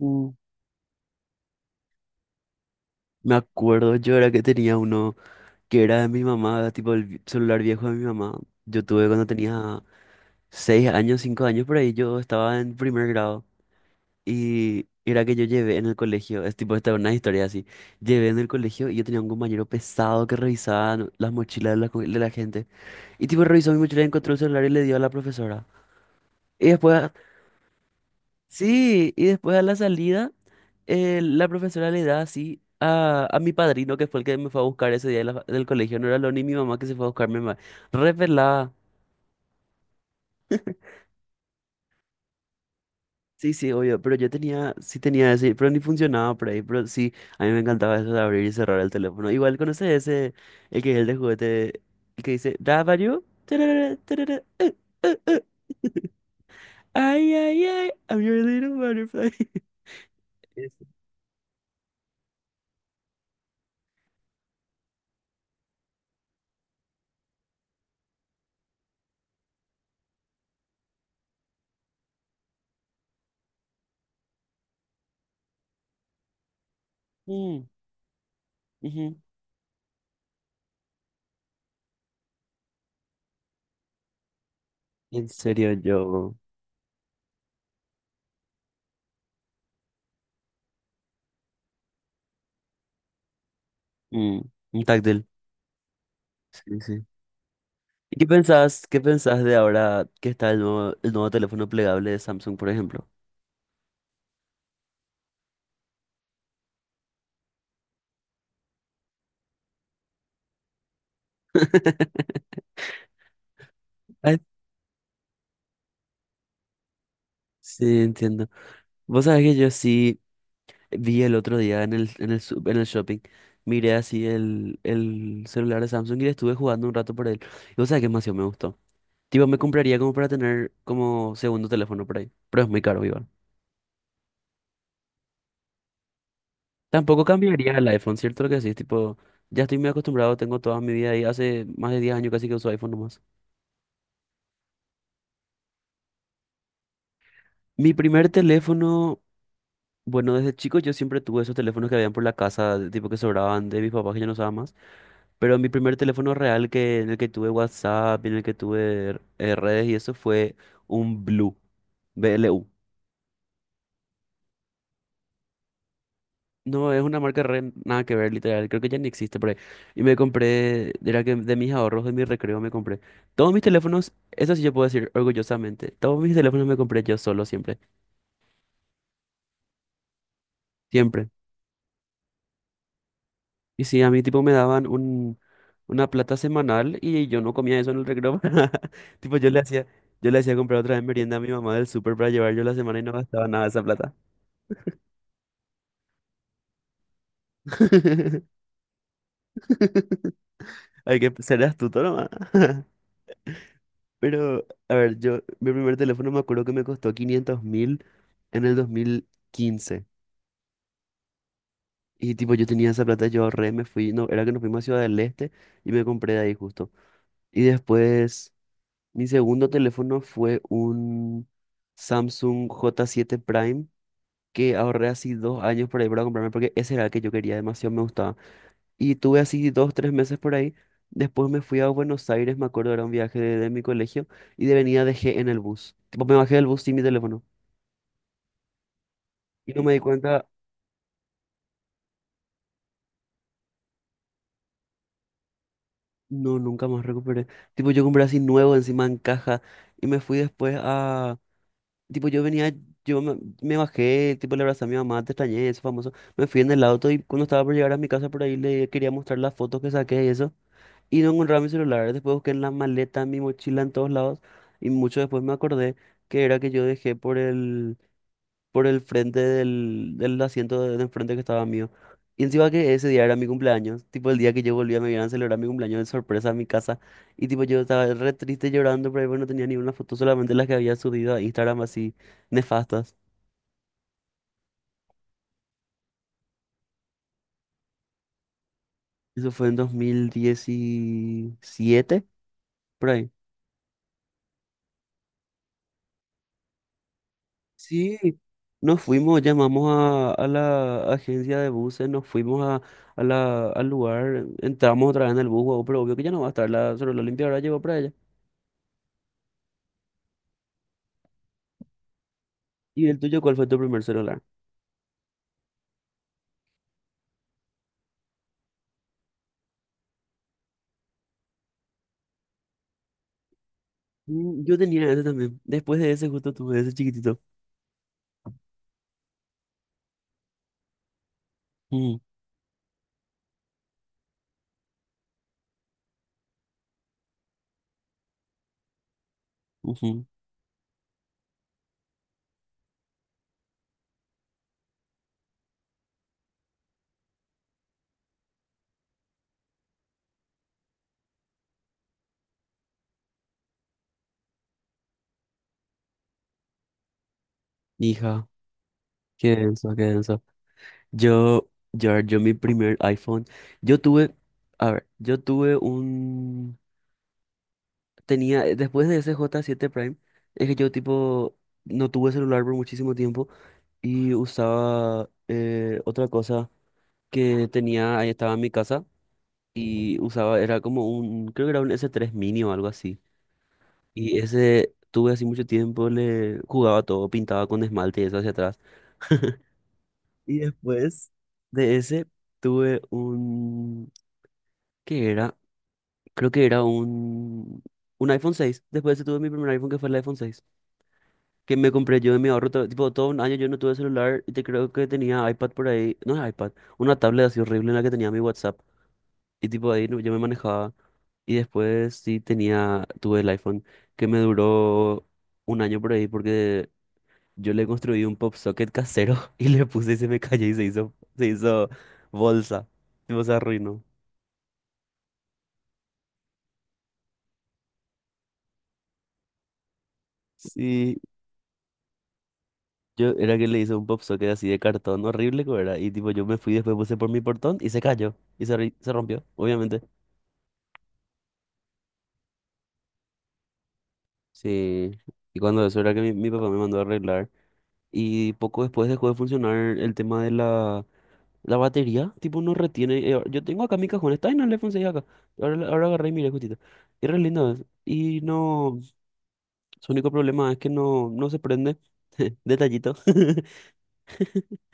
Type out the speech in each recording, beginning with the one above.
Mm. Me acuerdo yo era que tenía uno que era de mi mamá, tipo el celular viejo de mi mamá. Yo tuve cuando tenía 6 años, 5 años por ahí, yo estaba en primer grado. Y era que yo llevé en el colegio, es tipo, esta es una historia así. Llevé en el colegio y yo tenía un compañero pesado que revisaba las mochilas de la gente. Y tipo revisó mi mochila y encontró el celular y le dio a la profesora. Y después Sí, y después a la salida, la profesora le da así a mi padrino, que fue el que me fue a buscar ese día del colegio, no era lo ni mi mamá que se fue a buscarme más. Revelada. Sí, sí, obvio, pero yo tenía, sí tenía ese, pero ni funcionaba por ahí, pero sí, a mí me encantaba eso de abrir y cerrar el teléfono. Igual conoces ese, el que es el de juguete, el que dice, ¿Da value? Tarara, tarara, eh, eh". Ay, ay, ay, I'm your little butterfly. Ese. Mm, ujú. En serio, yo. Mm, un táctil. Sí, sí. ¿Y qué pensás de ahora que está el nuevo teléfono plegable de Samsung, por ejemplo? Ay, sí, entiendo. Vos sabés que yo sí vi el otro día en el shopping, miré así el celular de Samsung y le estuve jugando un rato por él. Y vos sabés que demasiado me gustó. Tipo, me compraría como para tener como segundo teléfono por ahí, pero es muy caro igual. Tampoco cambiaría el iPhone, ¿cierto? Lo que sí, tipo, ya estoy muy acostumbrado, tengo toda mi vida ahí, hace más de 10 años casi que uso iPhone nomás. Mi primer teléfono, bueno, desde chico yo siempre tuve esos teléfonos que habían por la casa, de tipo que sobraban de mis papás que ya no usaban más, pero mi primer teléfono real que, en el que tuve WhatsApp, en el que tuve redes y eso fue un Blue, BLU. No, es una marca re, nada que ver, literal, creo que ya ni existe por ahí. Y me compré, era que de mis ahorros, de mi recreo me compré. Todos mis teléfonos, eso sí yo puedo decir orgullosamente, todos mis teléfonos me compré yo solo siempre, siempre. Y sí, a mí tipo me daban una plata semanal y yo no comía eso en el recreo. Tipo, yo le hacía comprar otra vez merienda a mi mamá del súper para llevar yo la semana y no gastaba nada de esa plata. Hay que ser astuto nomás. Pero, a ver, yo, mi primer teléfono me acuerdo que me costó 500.000 en el 2015. Y tipo, yo tenía esa plata, yo ahorré, me fui, no, era que nos fuimos a Ciudad del Este y me compré de ahí justo. Y después, mi segundo teléfono fue un Samsung J7 Prime que ahorré así 2 años por ahí para comprarme, porque ese era el que yo quería, demasiado me gustaba. Y tuve así dos, tres meses por ahí. Después me fui a Buenos Aires, me acuerdo, era un viaje de mi colegio, y de venida dejé en el bus. Tipo, me bajé del bus sin mi teléfono. Y no me di cuenta, no, nunca más recuperé. Tipo, yo compré así nuevo, encima en caja, y me fui después a... Tipo, yo venía, me bajé, tipo, le abrazé a mi mamá, te extrañé, eso famoso. Me fui en el auto y cuando estaba por llegar a mi casa por ahí le quería mostrar las fotos que saqué y eso. Y no encontraba mi celular. Después busqué en la maleta, en mi mochila, en todos lados. Y mucho después me acordé que era que yo dejé por el frente del asiento de enfrente que estaba mío. Y encima que ese día era mi cumpleaños. Tipo el día que yo volvía me iban a celebrar mi cumpleaños de sorpresa a mi casa. Y tipo yo estaba re triste llorando, pero ahí no tenía ni una foto, solamente las que había subido a Instagram así nefastas. Eso fue en 2017, por ahí. Sí, nos fuimos, llamamos a la agencia de buses, nos fuimos al lugar, entramos otra vez en el bus, guau, pero obvio que ya no va a estar la celular limpia, ahora llegó para ella. ¿Y el tuyo cuál fue tu primer celular? Yo tenía ese también, después de ese justo tuve ese chiquitito. Mm, ujú. Hija, qué denso, qué denso. Yo, mi primer iPhone, yo tuve, a ver, yo tuve un, tenía, después de ese j siete Prime, es que yo tipo... No tuve celular por muchísimo tiempo. Y usaba otra cosa que tenía, ahí estaba en mi casa y usaba, era como un, creo que era un S3 Mini o algo así. Y ese tuve así mucho tiempo, le jugaba todo, pintaba con esmalte y eso hacia atrás. Y después de ese tuve un, ¿qué era? Creo que era un iPhone 6. Después de ese tuve mi primer iPhone que fue el iPhone 6 que me compré yo de mi ahorro, tipo, todo un año yo no tuve celular y te creo que tenía iPad por ahí, no es iPad, una tablet así horrible en la que tenía mi WhatsApp y tipo ahí yo me manejaba y después sí tenía, tuve el iPhone que me duró un año por ahí porque yo le construí un pop socket casero y le puse y se me cayó y se hizo bolsa, tipo se arruinó. Sí, yo era que le hice un pop socket así de cartón horrible que era y tipo yo me fui después puse por mi portón y se cayó y se rompió, obviamente. Sí, y cuando eso era que mi papá me mandó a arreglar. Y poco después dejó de funcionar el tema de la batería. Tipo, no retiene. Yo tengo acá mi cajón, está en el iPhone 6 acá. Ahora, ahora agarré y miré justito. Y re lindo es. Y no, su único problema es que no se prende. Detallito.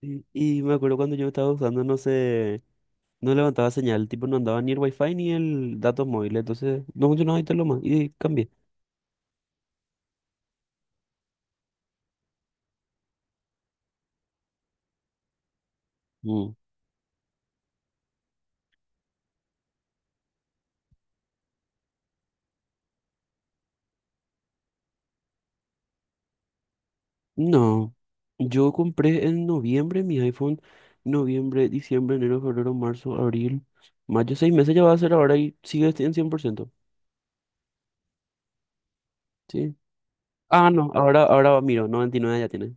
Y me acuerdo cuando yo estaba usando, no sé, no levantaba señal, tipo no andaba ni el wifi ni el datos móviles, entonces no funcionaba y todo lo más, y cambié. Mm. No, yo compré en noviembre mi iPhone, noviembre, diciembre, enero, febrero, marzo, abril, mayo, 6 meses ya va a ser ahora y sigue en 100%. ¿Sí? Ah, no, ahora miro, 99 ya tiene.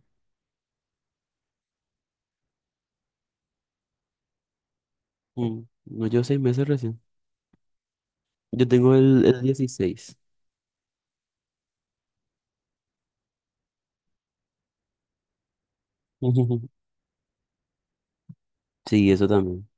Mm, no, yo 6 meses recién. Yo tengo el 16. Sí, eso también.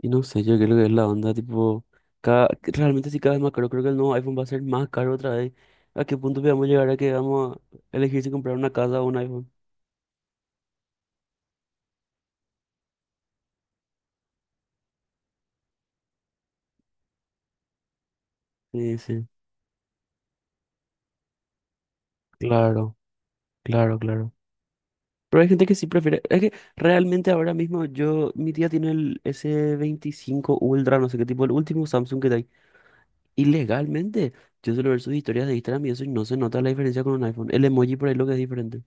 Y no sé, yo creo que es la onda, tipo, que realmente sí cada vez más caro, creo que el nuevo iPhone va a ser más caro otra vez. ¿A qué punto vamos a llegar a que vamos a elegir si comprar una casa o un iPhone? Sí, sí, claro. Claro, claro. Pero hay gente que sí prefiere. Es que realmente ahora mismo yo, mi tía tiene el S25 Ultra, no sé qué tipo, el último Samsung que hay. Y legalmente, yo suelo ver sus historias de Instagram y eso y no se nota la diferencia con un iPhone. El emoji por ahí lo que es diferente.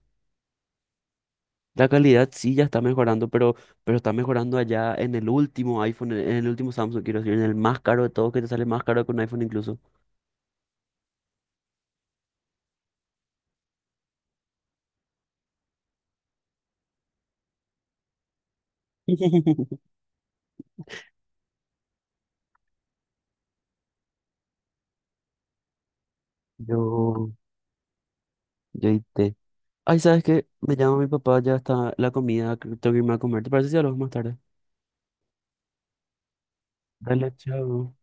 La calidad sí ya está mejorando, pero está mejorando allá en el último iPhone, en el último Samsung, quiero decir, en el más caro de todos, que te sale más caro que un iPhone incluso. Yo, yo y té. Ay, ¿sabes qué? Me llama mi papá, ya está la comida, creo que tengo que irme a comer. ¿Te parece si hablamos más tarde? Dale, chao.